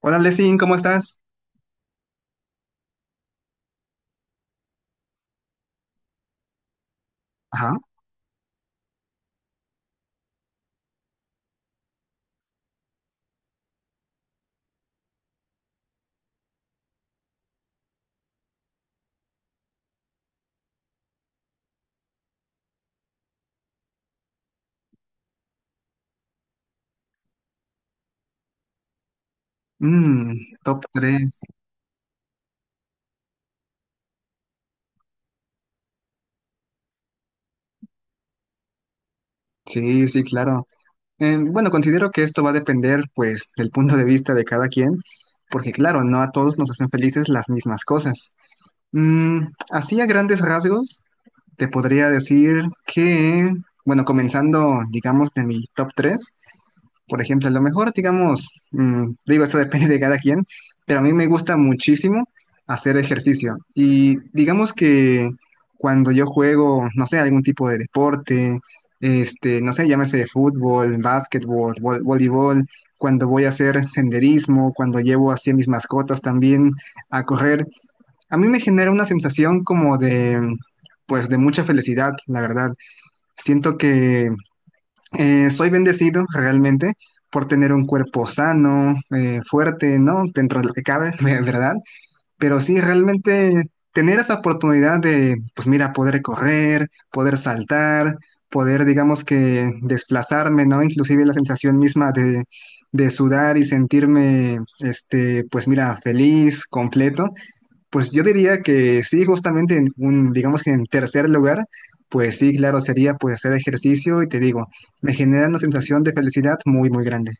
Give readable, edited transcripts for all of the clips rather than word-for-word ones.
Hola, Lesin, ¿cómo estás? Ajá. Mm, Top tres. Sí, sí, claro. Bueno, considero que esto va a depender, pues, del punto de vista de cada quien, porque, claro, no a todos nos hacen felices las mismas cosas. Mm, Así a grandes rasgos, te podría decir que, bueno, comenzando, digamos, de mi top tres, por ejemplo, a lo mejor, digamos, digo, esto depende de cada quien, pero a mí me gusta muchísimo hacer ejercicio. Y digamos que cuando yo juego, no sé, algún tipo de deporte, este, no sé, llámese fútbol, básquetbol, voleibol, cuando voy a hacer senderismo, cuando llevo así a mis mascotas también a correr, a mí me genera una sensación como de, pues, de mucha felicidad, la verdad. Siento que soy bendecido realmente por tener un cuerpo sano, fuerte, ¿no? Dentro de lo que cabe, ¿verdad? Pero sí, realmente tener esa oportunidad de, pues mira, poder correr, poder saltar, poder, digamos que, desplazarme, ¿no? Inclusive la sensación misma de sudar y sentirme, este, pues mira, feliz, completo. Pues yo diría que sí, justamente digamos que en tercer lugar, pues sí, claro, sería pues hacer ejercicio y te digo, me genera una sensación de felicidad muy, muy grande.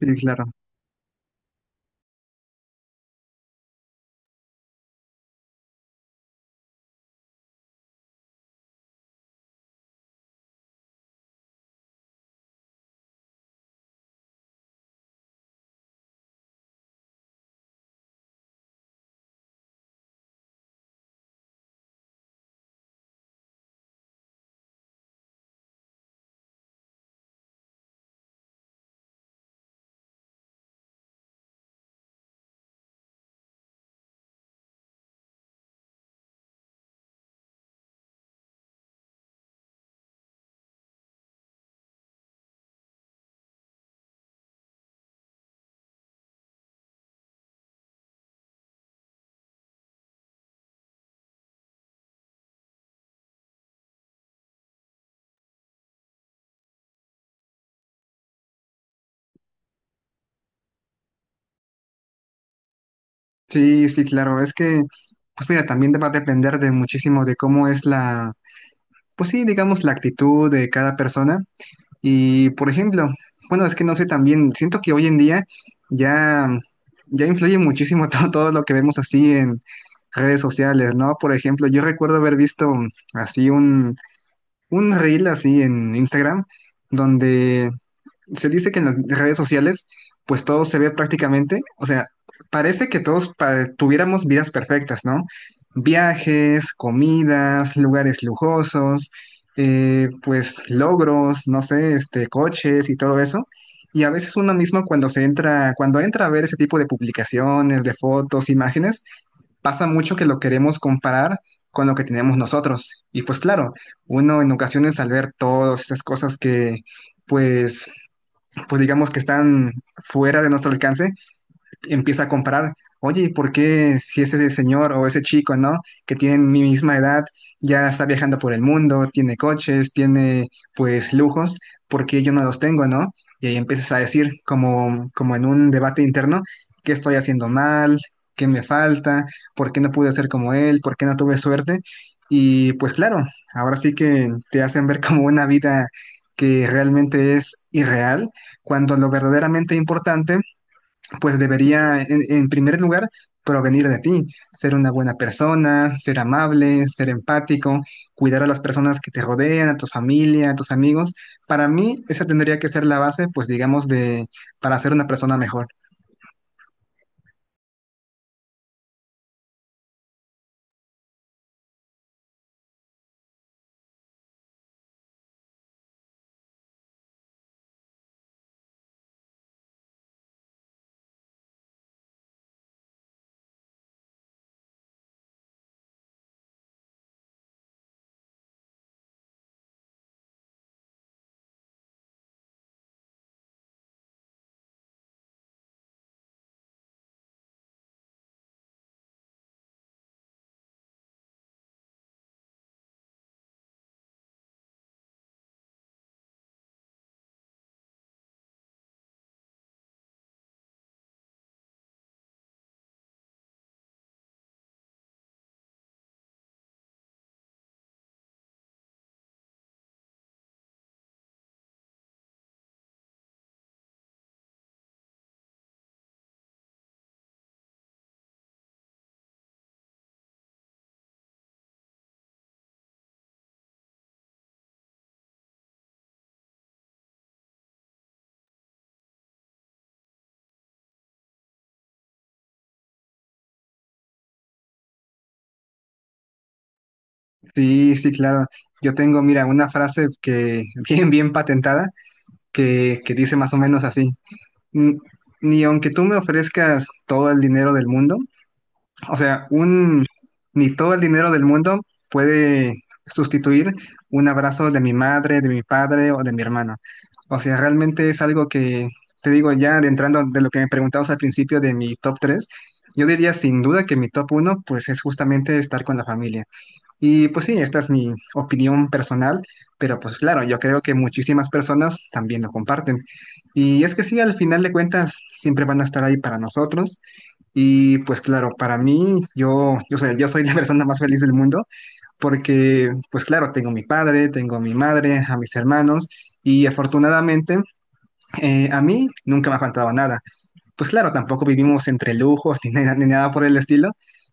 Sí, claro. Sí, sí, claro. Es que, pues mira, también va a depender de muchísimo de cómo es la, pues sí, digamos, la actitud de cada persona. Y por ejemplo, bueno, es que no sé también, siento que hoy en día ya, ya influye muchísimo todo lo que vemos así en redes sociales, ¿no? Por ejemplo, yo recuerdo haber visto así un reel así en Instagram, donde se dice que en las redes sociales, pues todo se ve prácticamente, o sea, parece que todos tuviéramos vidas perfectas, ¿no? Viajes, comidas, lugares lujosos, pues logros, no sé, este, coches y todo eso. Y a veces uno mismo cuando entra a ver ese tipo de publicaciones, de fotos, imágenes, pasa mucho que lo queremos comparar con lo que tenemos nosotros. Y pues claro, uno en ocasiones al ver todas esas cosas que pues pues digamos que están fuera de nuestro alcance, empieza a comparar, oye, ¿por qué si ese señor o ese chico, ¿no? Que tiene mi misma edad, ya está viajando por el mundo, tiene coches, tiene pues lujos, ¿por qué yo no los tengo, ¿no? Y ahí empiezas a decir, como en un debate interno, ¿qué estoy haciendo mal? ¿Qué me falta? ¿Por qué no pude ser como él? ¿Por qué no tuve suerte? Y pues claro, ahora sí que te hacen ver como una vida que realmente es irreal, cuando lo verdaderamente importante pues debería, en primer lugar, provenir de ti, ser una buena persona, ser amable, ser empático, cuidar a las personas que te rodean, a tu familia, a tus amigos. Para mí, esa tendría que ser la base, pues digamos, de para ser una persona mejor. Sí, sí, claro. Yo tengo, mira, una frase que bien, bien patentada, que dice más o menos así. "N- Ni aunque tú me ofrezcas todo el dinero del mundo, o sea, ni todo el dinero del mundo puede sustituir un abrazo de mi madre, de mi padre o de mi hermano. O sea, realmente es algo que, te digo, ya adentrando de lo que me preguntabas al principio de mi top 3. Yo diría sin duda que mi top uno, pues es justamente estar con la familia. Y pues sí, esta es mi opinión personal, pero pues claro, yo creo que muchísimas personas también lo comparten. Y es que sí, al final de cuentas, siempre van a estar ahí para nosotros. Y pues claro, para mí, yo soy la persona más feliz del mundo, porque pues claro, tengo a mi padre, tengo a mi madre, a mis hermanos, y afortunadamente a mí nunca me ha faltado nada. Pues claro, tampoco vivimos entre lujos ni, nada ni nada por el estilo,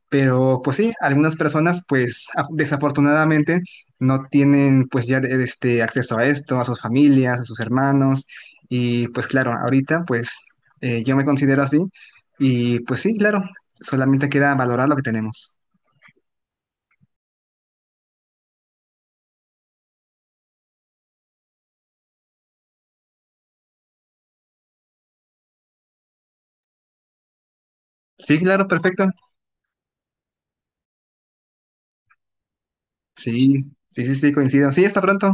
pero pues sí, algunas personas pues desafortunadamente no tienen pues ya este acceso a esto, a sus familias, a sus hermanos y pues claro, ahorita pues yo me considero así y pues sí, claro, solamente queda valorar lo que tenemos. Sí, claro, perfecto. Sí, sí, sí, sí, coincido. Sí, hasta pronto.